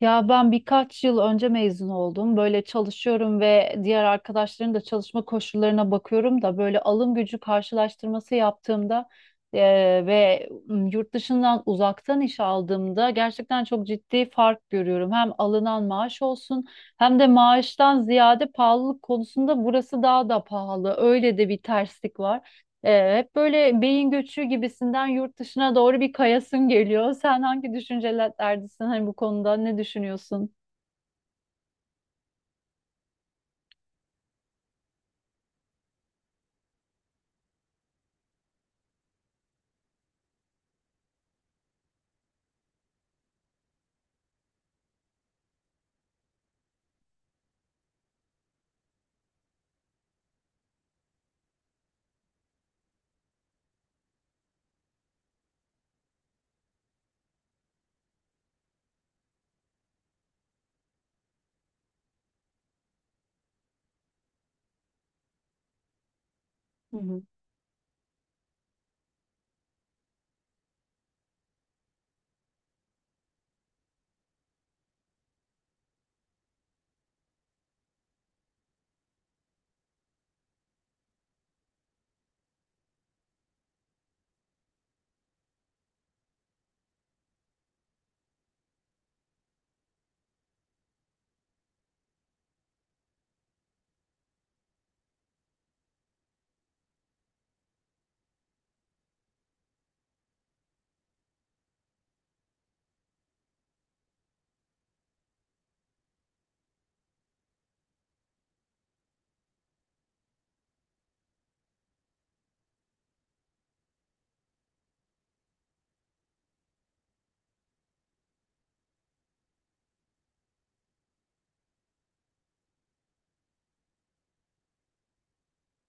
Ya ben birkaç yıl önce mezun oldum. Böyle çalışıyorum ve diğer arkadaşların da çalışma koşullarına bakıyorum da, böyle alım gücü karşılaştırması yaptığımda ve yurt dışından uzaktan iş aldığımda gerçekten çok ciddi fark görüyorum. Hem alınan maaş olsun, hem de maaştan ziyade pahalılık konusunda burası daha da pahalı. Öyle de bir terslik var. Hep böyle beyin göçü gibisinden yurt dışına doğru bir kayasın geliyor. Sen hangi düşüncelerdesin, hani bu konuda ne düşünüyorsun?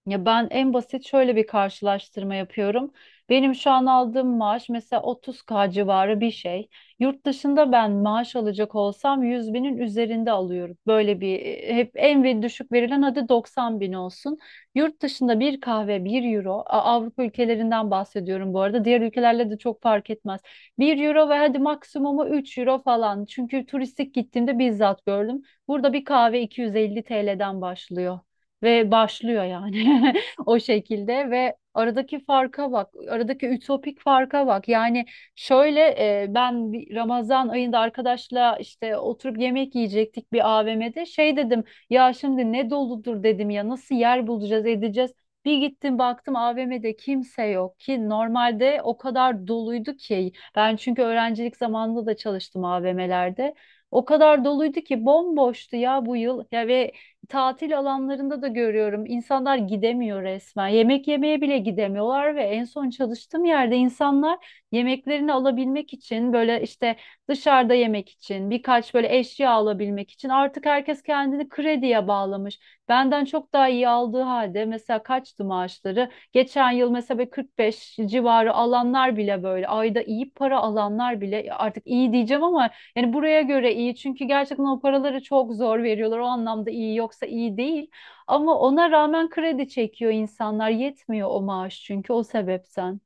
Ya ben en basit şöyle bir karşılaştırma yapıyorum. Benim şu an aldığım maaş mesela 30K civarı bir şey. Yurt dışında ben maaş alacak olsam 100 binin üzerinde alıyorum. Böyle bir hep en ve düşük verilen, hadi 90 bin olsun. Yurt dışında bir kahve bir euro. Avrupa ülkelerinden bahsediyorum bu arada. Diğer ülkelerle de çok fark etmez. Bir euro ve hadi maksimumu 3 euro falan. Çünkü turistik gittiğimde bizzat gördüm. Burada bir kahve 250 TL'den başlıyor ve başlıyor yani, o şekilde. Ve aradaki farka bak, aradaki ütopik farka bak. Yani şöyle, ben bir Ramazan ayında arkadaşla işte oturup yemek yiyecektik bir AVM'de. Şey dedim, ya şimdi ne doludur dedim, ya nasıl yer bulacağız edeceğiz. Bir gittim baktım, AVM'de kimse yok ki. Normalde o kadar doluydu ki, ben çünkü öğrencilik zamanında da çalıştım AVM'lerde. O kadar doluydu ki, bomboştu ya bu yıl ya. Ve tatil alanlarında da görüyorum, İnsanlar gidemiyor resmen. Yemek yemeye bile gidemiyorlar ve en son çalıştığım yerde insanlar yemeklerini alabilmek için, böyle işte dışarıda yemek için, birkaç böyle eşya alabilmek için artık herkes kendini krediye bağlamış. Benden çok daha iyi aldığı halde, mesela kaçtı maaşları? Geçen yıl mesela böyle 45 civarı alanlar bile, böyle ayda iyi para alanlar bile, artık iyi diyeceğim ama yani buraya göre iyi, çünkü gerçekten o paraları çok zor veriyorlar. O anlamda iyi, yoksa iyi değil. Ama ona rağmen kredi çekiyor insanlar. Yetmiyor o maaş, çünkü o sebepten.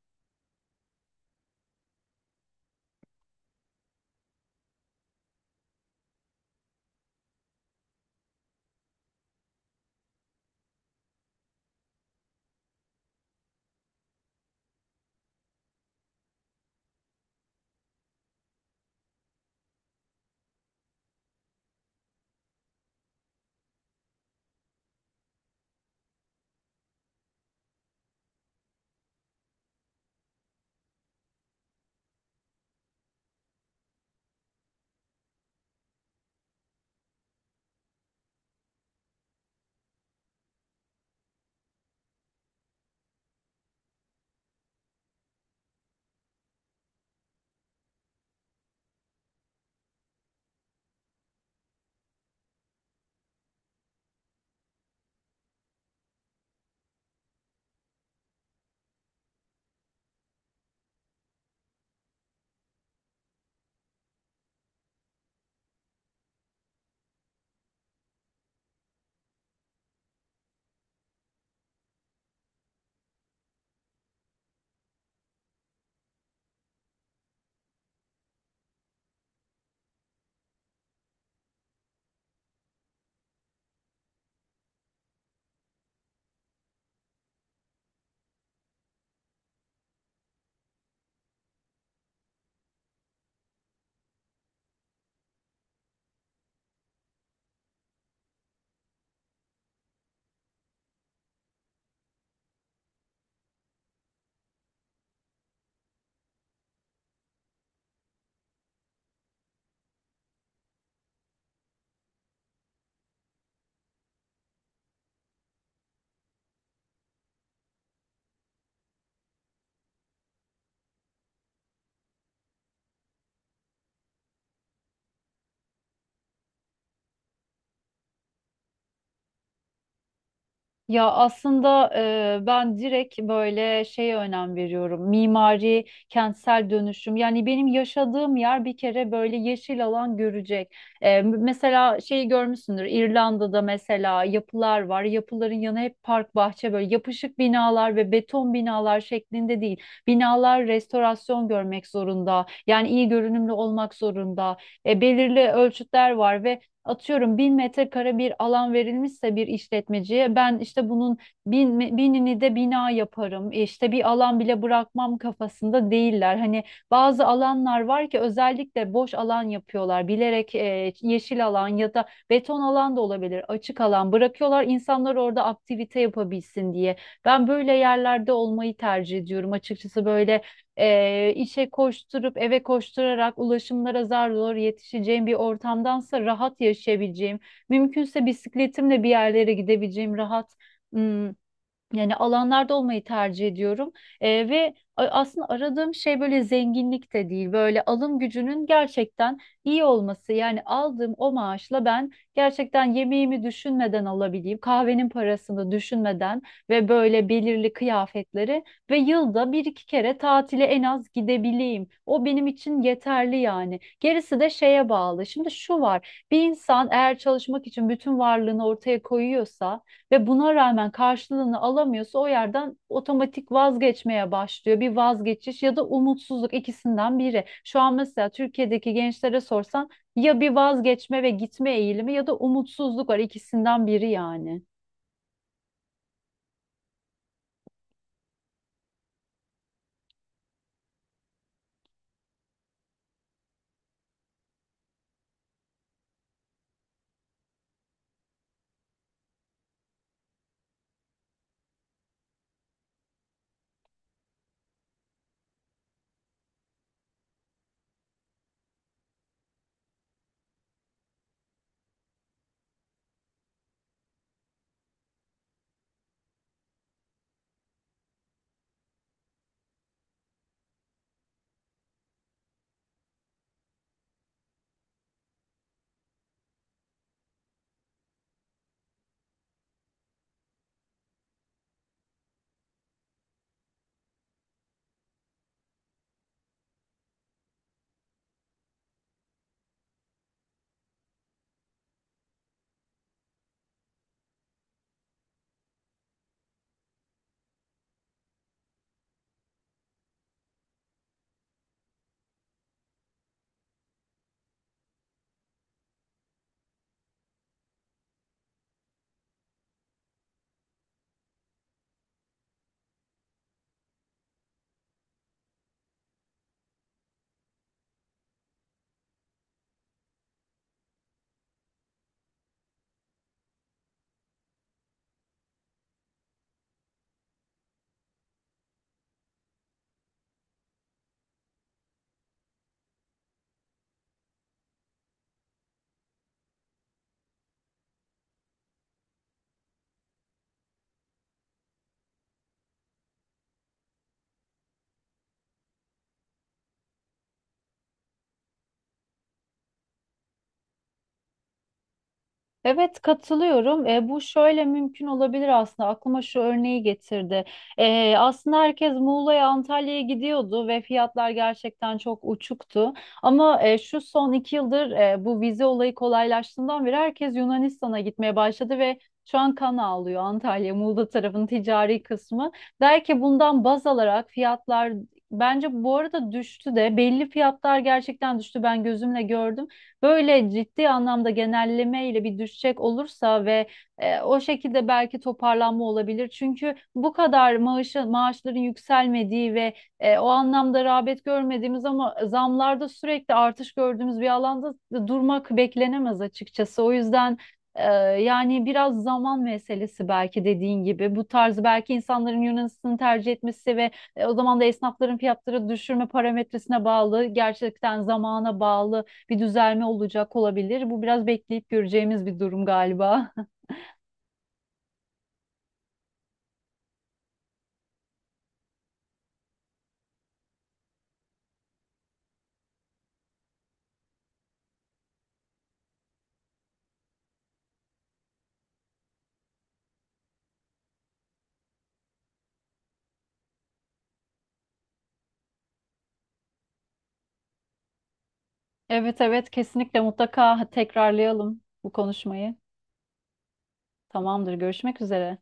Ya aslında ben direkt böyle şeye önem veriyorum. Mimari, kentsel dönüşüm. Yani benim yaşadığım yer bir kere böyle yeşil alan görecek. Mesela şeyi görmüşsündür. İrlanda'da mesela yapılar var. Yapıların yanı hep park, bahçe, böyle yapışık binalar ve beton binalar şeklinde değil. Binalar restorasyon görmek zorunda. Yani iyi görünümlü olmak zorunda. Belirli ölçütler var ve atıyorum, 1000 metrekare bir alan verilmişse bir işletmeciye, ben işte bunun bin, binini de bina yaparım, işte bir alan bile bırakmam kafasında değiller. Hani bazı alanlar var ki, özellikle boş alan yapıyorlar bilerek, yeşil alan ya da beton alan da olabilir, açık alan bırakıyorlar insanlar orada aktivite yapabilsin diye. Ben böyle yerlerde olmayı tercih ediyorum açıkçası. Böyle işe koşturup eve koşturarak, ulaşımlara zar zor yetişeceğim bir ortamdansa, rahat yaşayabileceğim, mümkünse bisikletimle bir yerlere gidebileceğim rahat. hmm, yani alanlarda olmayı tercih ediyorum. Ve aslında aradığım şey böyle zenginlik de değil. Böyle alım gücünün gerçekten iyi olması. Yani aldığım o maaşla ben gerçekten yemeğimi düşünmeden alabileyim, kahvenin parasını düşünmeden ve böyle belirli kıyafetleri, ve yılda bir iki kere tatile en az gidebileyim. O benim için yeterli yani. Gerisi de şeye bağlı. Şimdi şu var: bir insan eğer çalışmak için bütün varlığını ortaya koyuyorsa ve buna rağmen karşılığını alamıyorsa, o yerden otomatik vazgeçmeye başlıyor. Bir vazgeçiş ya da umutsuzluk, ikisinden biri. Şu an mesela Türkiye'deki gençlere sorsan, ya bir vazgeçme ve gitme eğilimi, ya da umutsuzluk var, ikisinden biri yani. Evet, katılıyorum. Bu şöyle mümkün olabilir aslında. Aklıma şu örneği getirdi. Aslında herkes Muğla'ya, Antalya'ya gidiyordu ve fiyatlar gerçekten çok uçuktu. Ama şu son 2 yıldır, bu vize olayı kolaylaştığından beri herkes Yunanistan'a gitmeye başladı ve şu an kan ağlıyor Antalya, Muğla tarafının ticari kısmı. Der ki, bundan baz alarak fiyatlar, bence bu arada düştü de, belli fiyatlar gerçekten düştü, ben gözümle gördüm. Böyle ciddi anlamda genelleme ile bir düşecek olursa ve o şekilde belki toparlanma olabilir. Çünkü bu kadar maaşı, maaşların yükselmediği ve o anlamda rağbet görmediğimiz, ama zamlarda sürekli artış gördüğümüz bir alanda durmak beklenemez açıkçası. O yüzden e, yani biraz zaman meselesi belki, dediğin gibi. Bu tarz, belki insanların Yunanistan'ı tercih etmesi ve o zaman da esnafların fiyatları düşürme parametresine bağlı, gerçekten zamana bağlı bir düzelme olacak olabilir. Bu biraz bekleyip göreceğimiz bir durum galiba. Evet, evet, kesinlikle mutlaka tekrarlayalım bu konuşmayı. Tamamdır, görüşmek üzere.